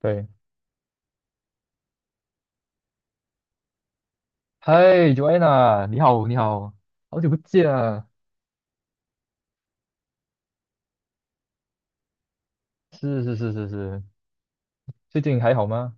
对，嗨，Joanna，你好，你好，好久不见啊！是是是是是，最近还好吗？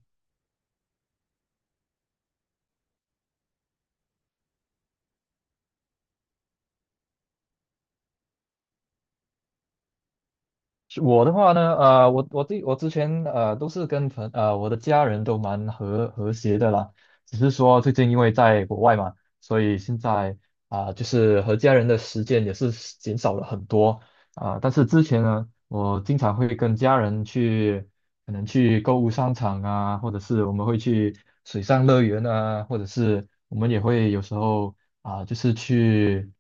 是我的话呢，我对我之前都是跟我的家人都蛮和谐的啦，只是说最近因为在国外嘛，所以现在啊、就是和家人的时间也是减少了很多啊、但是之前呢，我经常会跟家人去，可能去购物商场啊，或者是我们会去水上乐园啊，或者是我们也会有时候啊、就是去。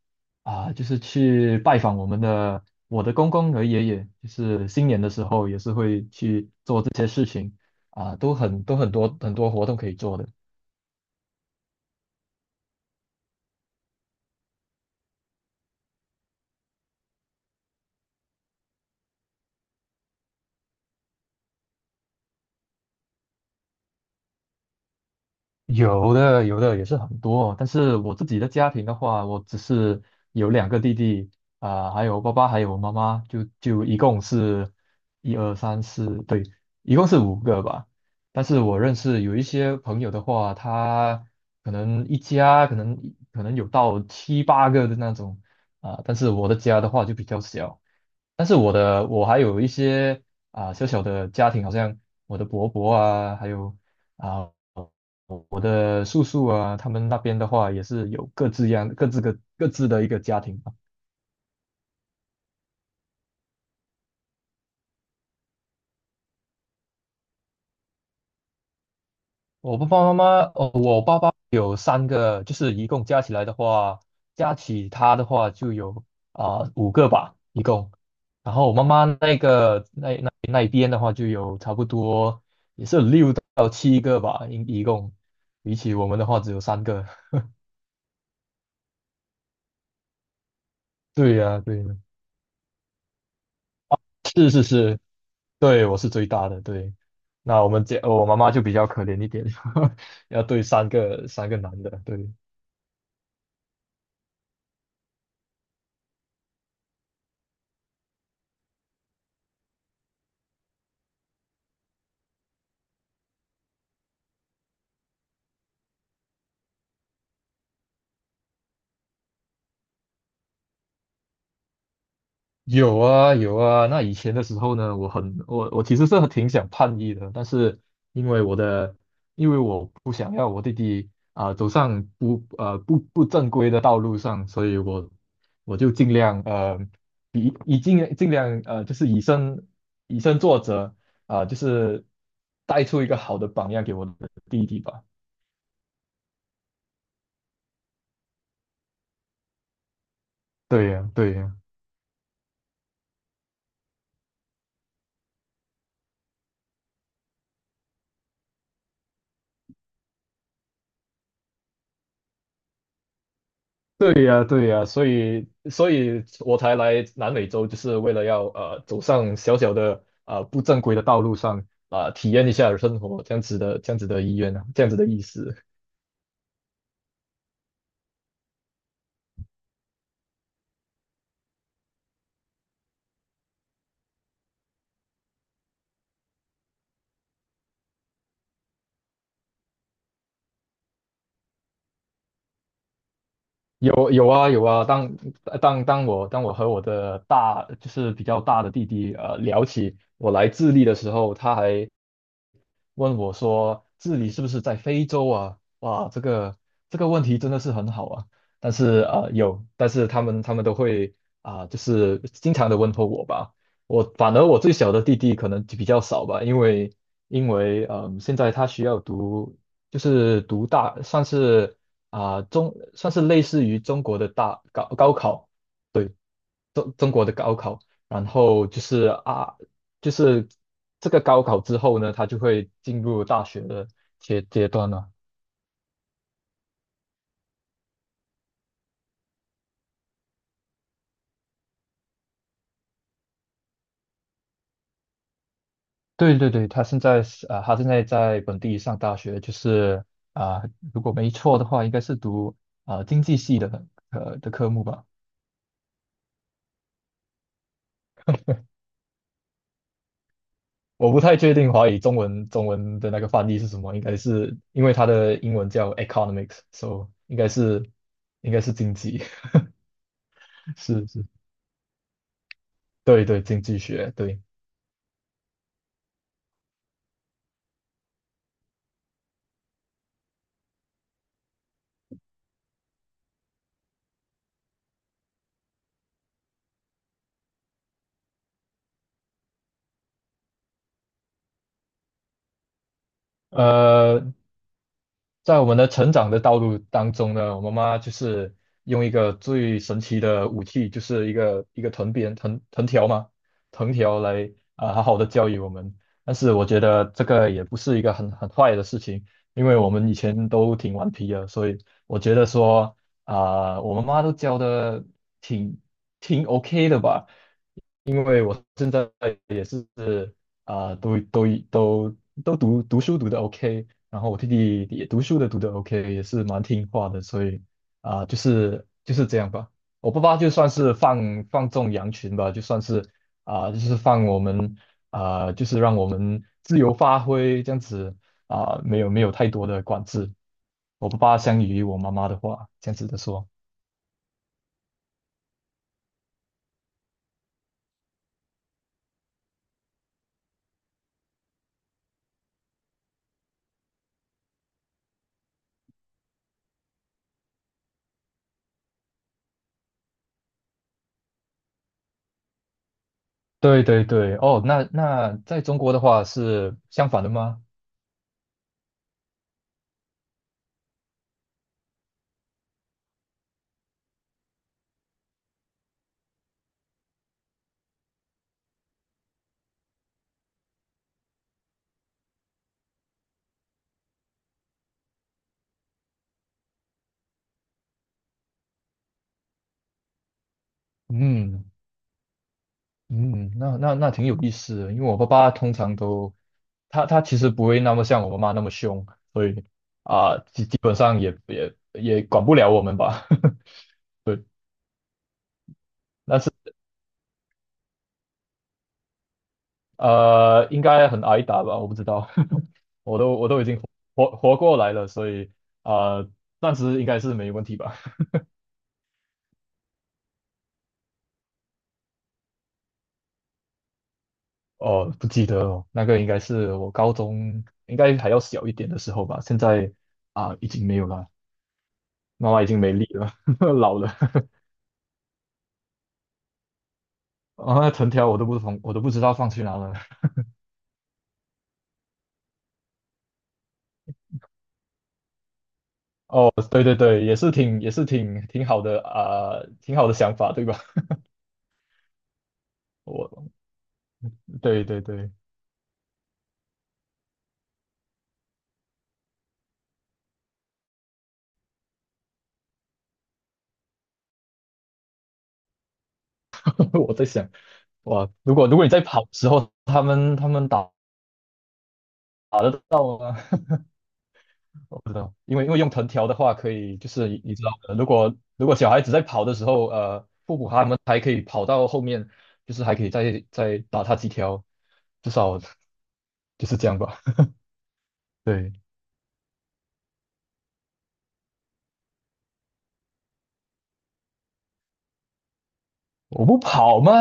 啊，就是去拜访我的公公和爷爷，就是新年的时候也是会去做这些事情啊，都很多很多活动可以做的。有的，有的也是很多，但是我自己的家庭的话，我只是有两个弟弟，啊、还有爸爸，还有妈妈，就一共是一二三四，对，一共是五个吧。但是我认识有一些朋友的话，他可能一家可能有到七八个的那种，啊、但是我的家的话就比较小。但是我还有一些啊、小小的家庭，好像我的伯伯啊，还有。啊。我的叔叔啊，他们那边的话也是有各自的一个家庭吧。我爸爸妈妈，哦，我爸爸有三个，就是一共加起来的话，加起他的话就有啊、五个吧，一共。然后我妈妈那个那一边的话就有差不多也是有六栋，比起我们的话只有三个。对呀、对呀、是是是，对，我是最大的，对。那我们家我妈妈就比较可怜一点，要对三个男的，对。有啊有啊，那以前的时候呢，我很我我其实是挺想叛逆的，但是因为我的因为我不想要我弟弟啊、走上不正规的道路上，所以我就尽量尽量就是以身作则啊、就是带出一个好的榜样给我的弟弟吧。对呀、对呀、对呀，对呀，所以，所以我才来南美洲，就是为了要走上小小的不正规的道路上啊、体验一下生活这样子的意愿啊，这样子的意思。有有啊有啊，当我和我的大就是比较大的弟弟聊起我来智利的时候，他还问我说治理是不是在非洲啊？哇，这个问题真的是很好啊。但是啊、有，但是他们都会啊、就是经常的问候我吧。我反而我最小的弟弟可能就比较少吧，因为现在他需要读，就是读大，算是啊、中，算是类似于中国的大高高考。中国的高考，然后就是啊，就是这个高考之后呢，他就会进入大学的阶段了。对对对，他现在是啊、他现在在本地上大学，就是啊、如果没错的话，应该是读啊、经济系的的科目吧。我不太确定华语中文的那个翻译是什么，应该是因为它的英文叫 economics，so 应该是应该是经济，是是，对对，经济学，对。呃，在我们的成长的道路当中呢，我妈妈就是用一个最神奇的武器，就是一个藤鞭、藤条嘛，藤条来啊、好好的教育我们。但是我觉得这个也不是一个很坏的事情，因为我们以前都挺顽皮的，所以我觉得说啊、我妈妈都教的挺挺 OK 的吧。因为我在。是啊、都读书读的 OK，然后我弟弟也读书的读的 OK，也是蛮听话的，所以啊、就是这样吧。我爸爸就算是放纵羊群吧，就算是啊、就是放我们啊、就是让我们自由发挥这样子啊、没有没有太多的管制。我爸爸相比于我妈妈的话，这样子的说。对对对，哦，那在中国的话是相反的吗？嗯。嗯，那挺有意思的，因为我爸爸通常都，他其实不会那么像我妈妈那么凶，所以啊，基本上也管不了我们吧，对，但是应该很挨打吧，我不知道，我都已经活过来了，所以啊、呃暂时应该是没问题吧。哦，不记得了，那个应该是我高中应该还要小一点的时候吧，现在啊、已经没有了，妈妈已经没力了，老了。啊，藤条我都不放，我都不知道放去哪了。哦，对对对，也是挺好的啊、挺好的想法，对吧？我对对对，我在想，哇，如果你在跑的时候，他们打得到吗？我不知道，因为用藤条的话，可以就是你你知道的，如果小孩子在跑的时候，父母他们还可以跑到后面，就是还可以再打他几条，至少 就是这样吧。对，我不跑吗？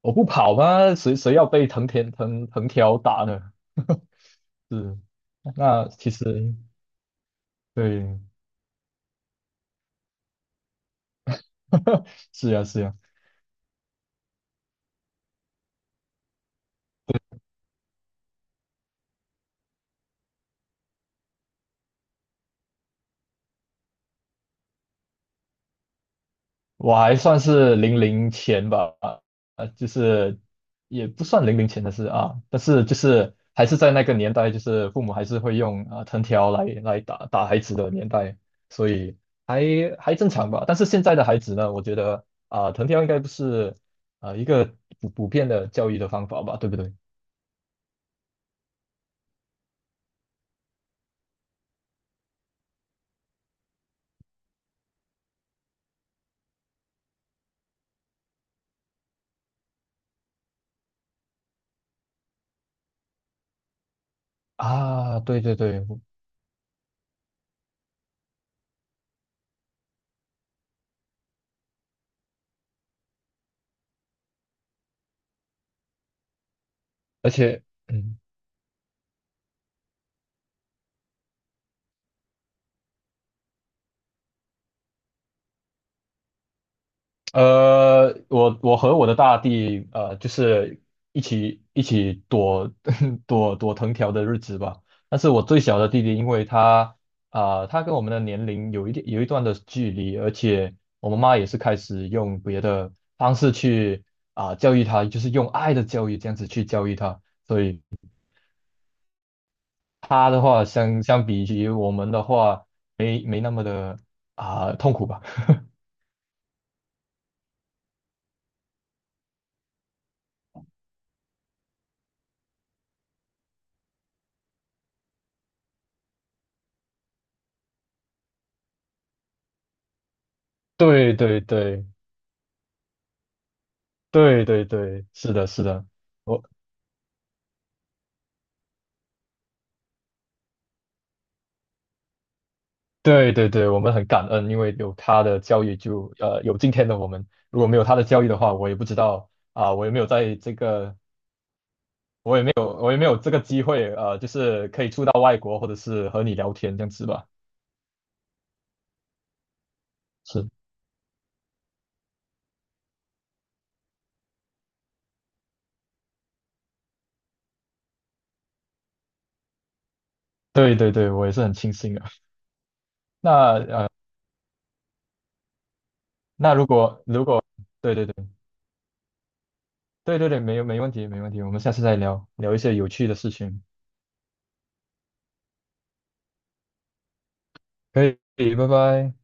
我不跑吗？谁要被藤田藤藤条打呢？是，那其实对，是呀是呀，我还算是零零前吧，就是也不算零零前的事啊，但是就是还是在那个年代，就是父母还是会用啊、藤条来来打打孩子的年代，所以还还正常吧。但是现在的孩子呢，我觉得啊、藤条应该不是啊、一个普遍的教育的方法吧，对不对？啊，对对对，而且，嗯，我和我的大弟，就是一起躲 躲藤条的日子吧。但是我最小的弟弟，因为他跟我们的年龄有一段的距离，而且我妈妈也是开始用别的方式去啊、教育他，就是用爱的教育这样子去教育他。所以他的话，相比于我们的话，没那么的啊、痛苦吧。对对对。对对对，是的，是的，我对对对，我们很感恩，因为有他的教育就，有今天的我们。如果没有他的教育的话，我也不知道啊、我也没有，我也没有这个机会，就是可以出到外国，或者是和你聊天这样子吧。是，对对对，我也是很庆幸的。那呃，那如果，对对对对对对，没问题没问题，我们下次再聊聊一些有趣的事情，可以，拜拜。